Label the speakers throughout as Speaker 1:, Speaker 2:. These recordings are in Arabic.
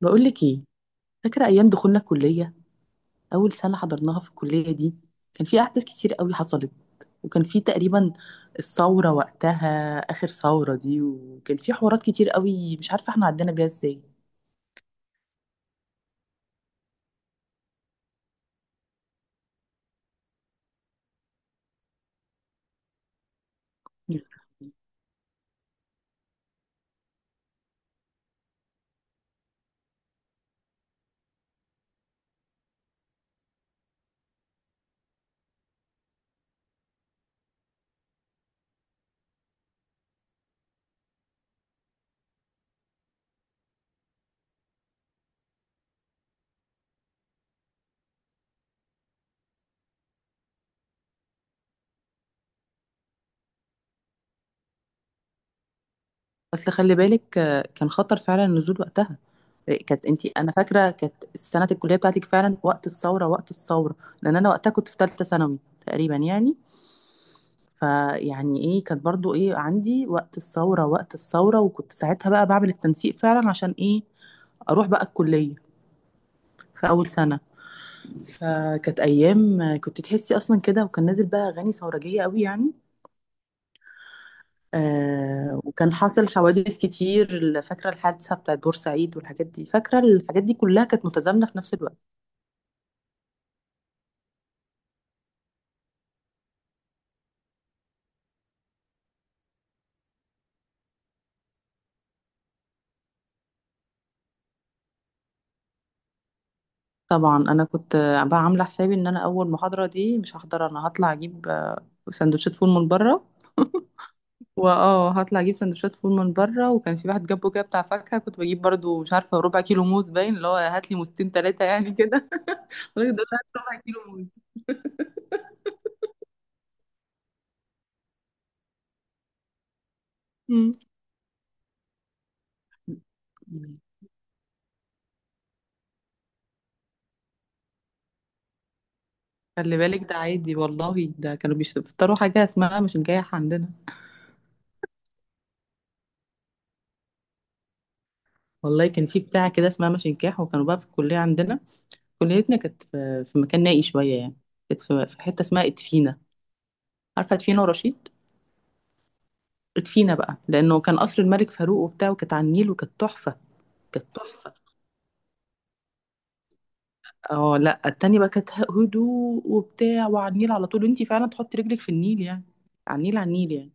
Speaker 1: بقول لك ايه؟ فاكره ايام دخولنا الكليه. اول سنه حضرناها في الكليه دي كان في احداث كتير قوي حصلت، وكان في تقريبا الثوره وقتها، اخر ثوره دي، وكان في حوارات كتير قوي مش عارفه احنا عدينا بيها ازاي. اصل خلي بالك، كان خطر فعلا النزول وقتها. كانت انتي، انا فاكره كانت سنه الكليه بتاعتك فعلا وقت الثوره، وقت الثوره. لان انا وقتها كنت في ثالثه ثانوي تقريبا يعني. فيعني ايه، كانت برضو ايه، عندي وقت الثورة، وقت الثورة، وكنت ساعتها بقى بعمل التنسيق فعلا عشان ايه؟ اروح بقى الكلية في اول سنة. فكانت ايام كنت تحسي اصلا كده، وكان نازل بقى اغاني ثورجية قوي يعني. آه، وكان حاصل حوادث كتير، فاكرة الحادثة بتاعت بورسعيد والحاجات دي، فاكرة الحاجات دي كلها كانت متزامنة في نفس الوقت. طبعا انا كنت بقى عاملة حسابي ان انا اول محاضرة دي مش هحضر، انا هطلع اجيب سندوتشات فول من بره، واه، هطلع اجيب سندوتشات فول من بره، وكان في واحد جنبه كده بتاع فاكهه، كنت بجيب برضو مش عارفه ربع كيلو موز، باين اللي هو هات لي موزتين ثلاثه يعني كده. الراجل ده، هات ربع كيلو موز. مم. خلي بالك ده عادي والله، ده كانوا بيفطروا حاجه اسمها مشنكاح عندنا. والله كان في بتاع كده اسمها مشنكاح، وكانوا بقى في الكليه عندنا. كليتنا كانت في مكان نائي شويه يعني، كانت في حته اسمها ادفينه. عارفه ادفينه ورشيد؟ ادفينه بقى لانه كان قصر الملك فاروق وبتاع، وكانت على النيل وكانت تحفه. كانت تحفه. اه، لا، التانية بقى كانت هدوء وبتاع، وعلى النيل على طول، وانتي فعلا تحطي رجلك في النيل يعني، على النيل، على النيل يعني.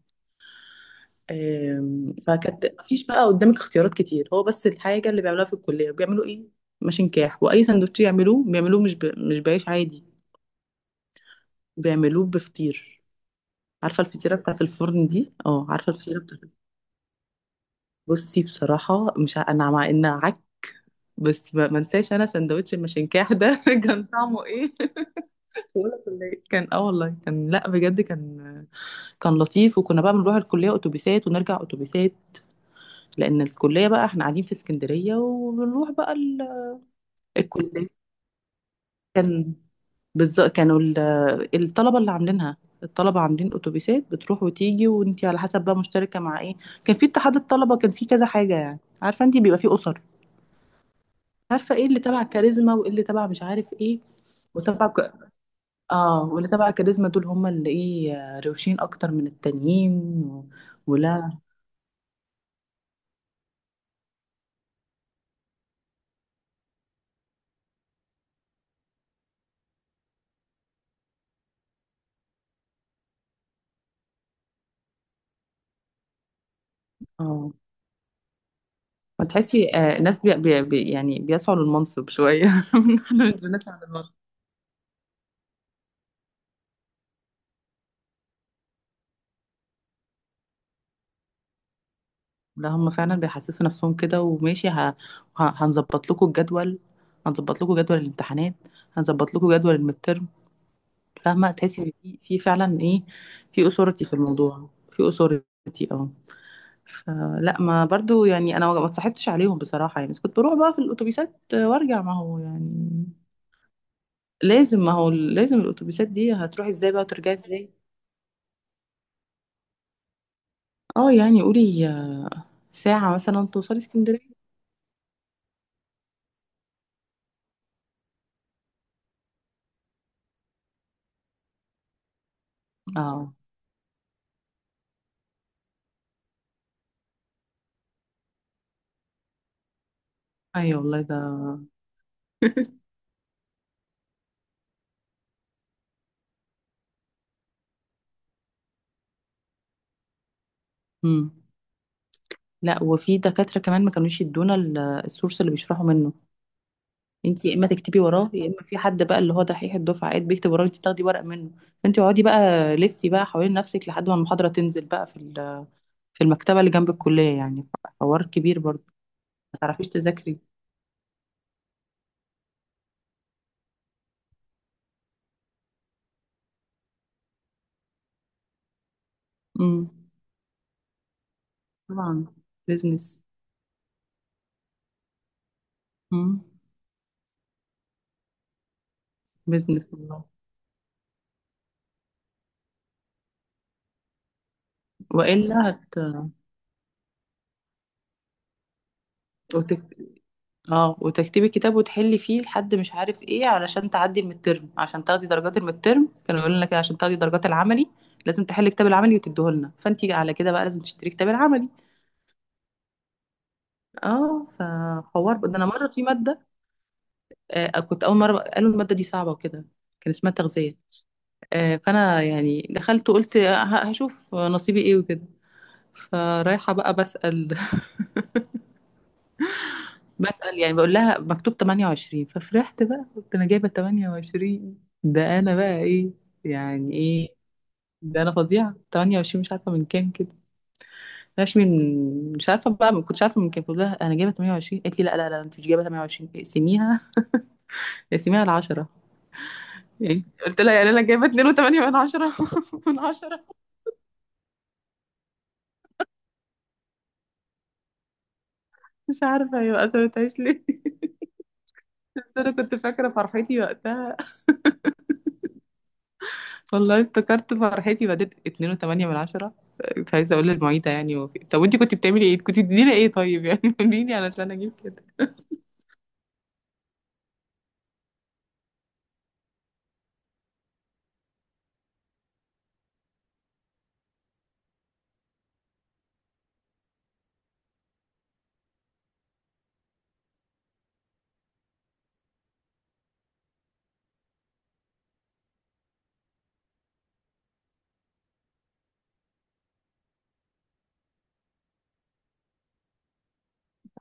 Speaker 1: فكانت مفيش بقى قدامك اختيارات كتير، هو بس الحاجة اللي بيعملوها في الكلية بيعملوا ايه؟ ماشين كاح، وأي سندوتش يعملوه بيعملوه مش مش بعيش عادي، بيعملوه بفطير. عارفة الفطيرة بتاعت الفرن دي؟ اه، عارفة الفطيرة بتاعت. بصي بصراحة مش أنا مع إنها عك، بس ما انساش أنا سندوتش الماشين كاح ده كان طعمه ايه. ولا كان اه، والله كان، لا بجد كان، كان لطيف. وكنا بقى بنروح الكلية أتوبيسات ونرجع أتوبيسات، لأن الكلية بقى احنا قاعدين في اسكندرية، وبنروح بقى الكلية. كان بالظبط كانوا الطلبة اللي عاملينها، الطلبة عاملين أتوبيسات بتروح وتيجي، وانتي على حسب بقى مشتركة مع ايه. كان في اتحاد الطلبة، كان في كذا حاجة يعني، عارفة انتي بيبقى في أسر، عارفة ايه اللي تبع كاريزما وايه اللي تبع مش عارف ايه، وتبع ك... اه، واللي تبع كاريزما دول هم اللي ايه، روشين اكتر من التانيين. و... ولا اه. فتحسي الناس يعني بيسعوا للمنصب شوية. احنا مش بنسعى للمنصب. لا، هم فعلا بيحسسوا نفسهم كده، وماشي هنظبط لكم الجدول، هنظبط لكم جدول الامتحانات، هنظبط لكم جدول الميد ترم. فاهمة، تحسي ان في فعلا ايه، في اثورتي في الموضوع، في اثورتي اه. فلا، ما برضو يعني انا ما اتصاحبتش عليهم بصراحة يعني، بس كنت بروح بقى في الاتوبيسات وارجع، ما هو يعني لازم، ما هو لازم الاتوبيسات دي هتروحي ازاي بقى وترجعي ازاي. اه يعني قولي ساعة مثلا توصلي اسكندرية. اه، ايوه والله ده. مم. لا، وفي دكاترة كمان ما كانوش يدونا السورس اللي بيشرحوا منه، انت يا اما تكتبي وراه، يا اما في حد بقى اللي هو دحيح الدفعه قاعد بيكتب وراه، انت تاخدي ورق منه. فانت اقعدي بقى، لفي بقى حوالين نفسك لحد ما المحاضرة تنزل بقى في في المكتبة اللي جنب الكلية يعني، حوار كبير برضه، ما تعرفيش تذاكري. امم، طبعا، بيزنس. امم، بيزنس والله. والا هت... اه، وتكتبي كتاب وتحلي فيه لحد مش عارف ايه، علشان تعدي المترم، عشان تاخدي درجات المترم، كانوا يقولوا لنا كده عشان تاخدي درجات العملي لازم تحلي كتاب العملي وتديه لنا، فانت على كده بقى لازم تشتري كتاب العملي. اه، فحوار بقى. ده انا مره في ماده، آه، كنت اول قالوا الماده دي صعبه وكده، كان اسمها تغذيه. آه، فانا يعني دخلت وقلت هشوف نصيبي ايه وكده. فرايحه بقى بسأل، بسأل يعني، بقول لها مكتوب 28، ففرحت بقى قلت انا جايبه 28، ده انا بقى ايه، يعني ايه، ده انا فظيعه، 28، مش عارفه من كام كده، مش عارفه بقى، ما كنتش عارفه من كام. قلت لها انا جايبه 28، قالت لي لا، لا، لا، انت مش جايبه 28، اقسميها، اقسميها ل 10. يعني قلت لها، يعني انا جايبه 2.8 من 10. من 10. مش عارفه هي بقى سابتهاش ليه. بس انا كنت فاكره فرحتي وقتها، والله افتكرت فرحتي بعدين، 2.8 من عشرة. كنت عايزة أقول للمعيدة يعني، طب وأنتي كنت بتعملي إيه؟ كنت بتديني إيه طيب يعني اديني علشان أجيب كده.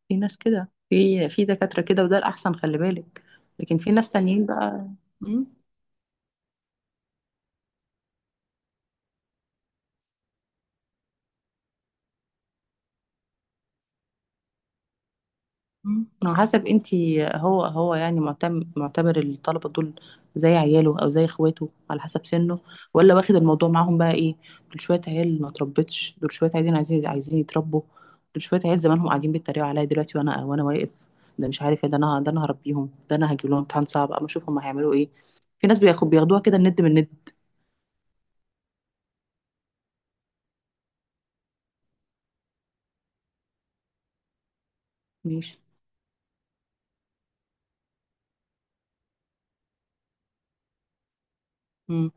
Speaker 1: في ناس كده، في دكاترة كده، وده الأحسن خلي بالك، لكن في ناس تانيين بقى. مم. مم. على حسب انتي، هو يعني معتم معتبر الطلبة دول زي عياله او زي اخواته على حسب سنه، ولا واخد الموضوع معاهم بقى ايه. دول شوية عيال ما اتربتش، دول شوية عايزين عايزين يتربوا. دول شوية عيال زمانهم قاعدين بيتريقوا عليا دلوقتي، وانا واقف ده، مش عارف ايه، ده انا، ده انا هربيهم، ده انا هجيب لهم امتحان صعب اما اشوف هم هيعملوا ايه. في ناس بياخدوها كده الند من الند. ماشي. امم.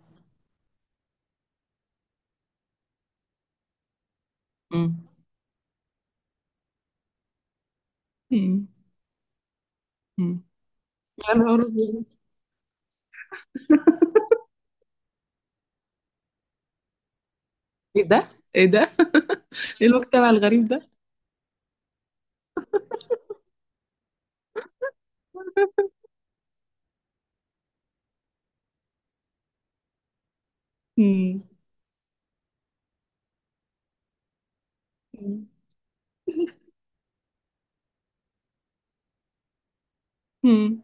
Speaker 1: امم. مم. مم. يا نهار أبيض. ايه ده، ايه ده. ايه المجتمع الغريب ده. مم. مم. مم.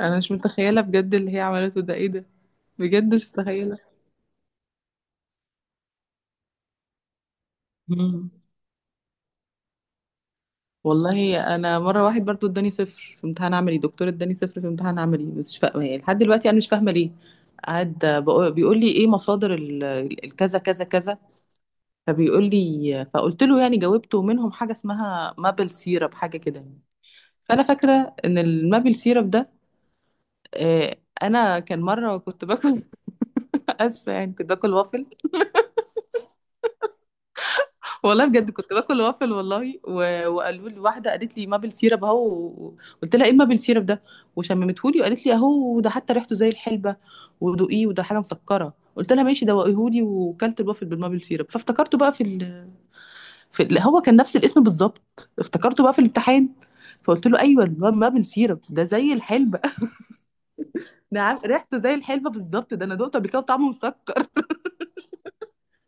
Speaker 1: انا مش متخيله بجد اللي هي عملته ده، ايه ده. بجد مش متخيله. مم. والله انا مره، واحد برضو اداني صفر في امتحان عملي، دكتور اداني صفر في امتحان عملي، مش فاهمه يعني لحد دلوقتي انا مش فاهمه ليه. قعد بيقول لي ايه مصادر الكذا كذا كذا، فبيقول لي، فقلت له يعني، جاوبته منهم حاجه اسمها مابل سيرب، حاجه كده يعني. فانا فاكره ان المابل سيرب ده، آه، انا كان مره كنت باكل اسفه يعني، كنت باكل وافل والله، بجد كنت باكل وافل والله، وقالوا لي واحده، قالت لي مابل سيرب اهو، قلت لها ايه مابل سيرب ده، وشممته لي وقالت لي اهو ده، حتى ريحته زي الحلبه، ودوقيه، وده حاجه مسكره، قلت لها ماشي دوقيهولي. وكلت الوافل بالمابل سيرب، فافتكرته بقى هو كان نفس الاسم بالظبط، افتكرته بقى في الامتحان. فقلت له ايوه المابل سيرب ده زي الحلبه، ريحته زي الحلبه بالظبط، ده انا دقته قبل كده وطعمه مسكر.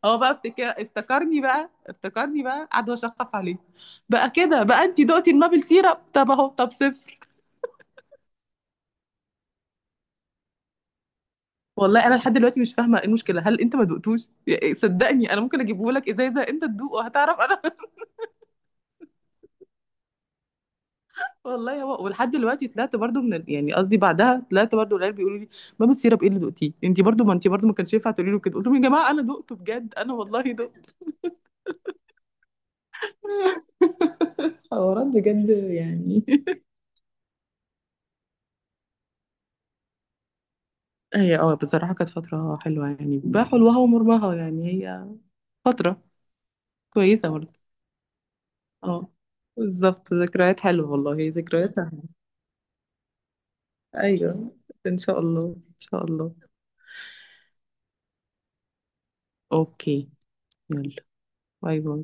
Speaker 1: هو بقى افتكر، افتكرني بقى قعد اشخص عليه بقى، كده بقى انت دقتي المابل سيرب، طب اهو، طب صفر. والله انا لحد دلوقتي مش فاهمه ايه المشكله، هل انت ما دقتوش إيه، صدقني انا ممكن اجيبه لك ازازه انت تدوقه هتعرف انا. والله هو، ولحد دلوقتي طلعت برضو من يعني قصدي بعدها طلعت برضو، العيال بيقولوا لي مابل سيرب ايه اللي دقتيه انت برضو، ما انت برضو ما كانش ينفع تقولي له كده. قلت لهم يا جماعه انا دقته بجد، انا والله دقته. حوارات بجد يعني. هي اه بصراحه كانت فتره حلوه يعني، بحلوها ومرها يعني، هي فتره كويسة برضه. اه بالظبط، ذكريات حلوة والله، هي ذكريات حلوة. ايوه. ان شاء الله، ان شاء الله. اوكي. يلا باي. باي.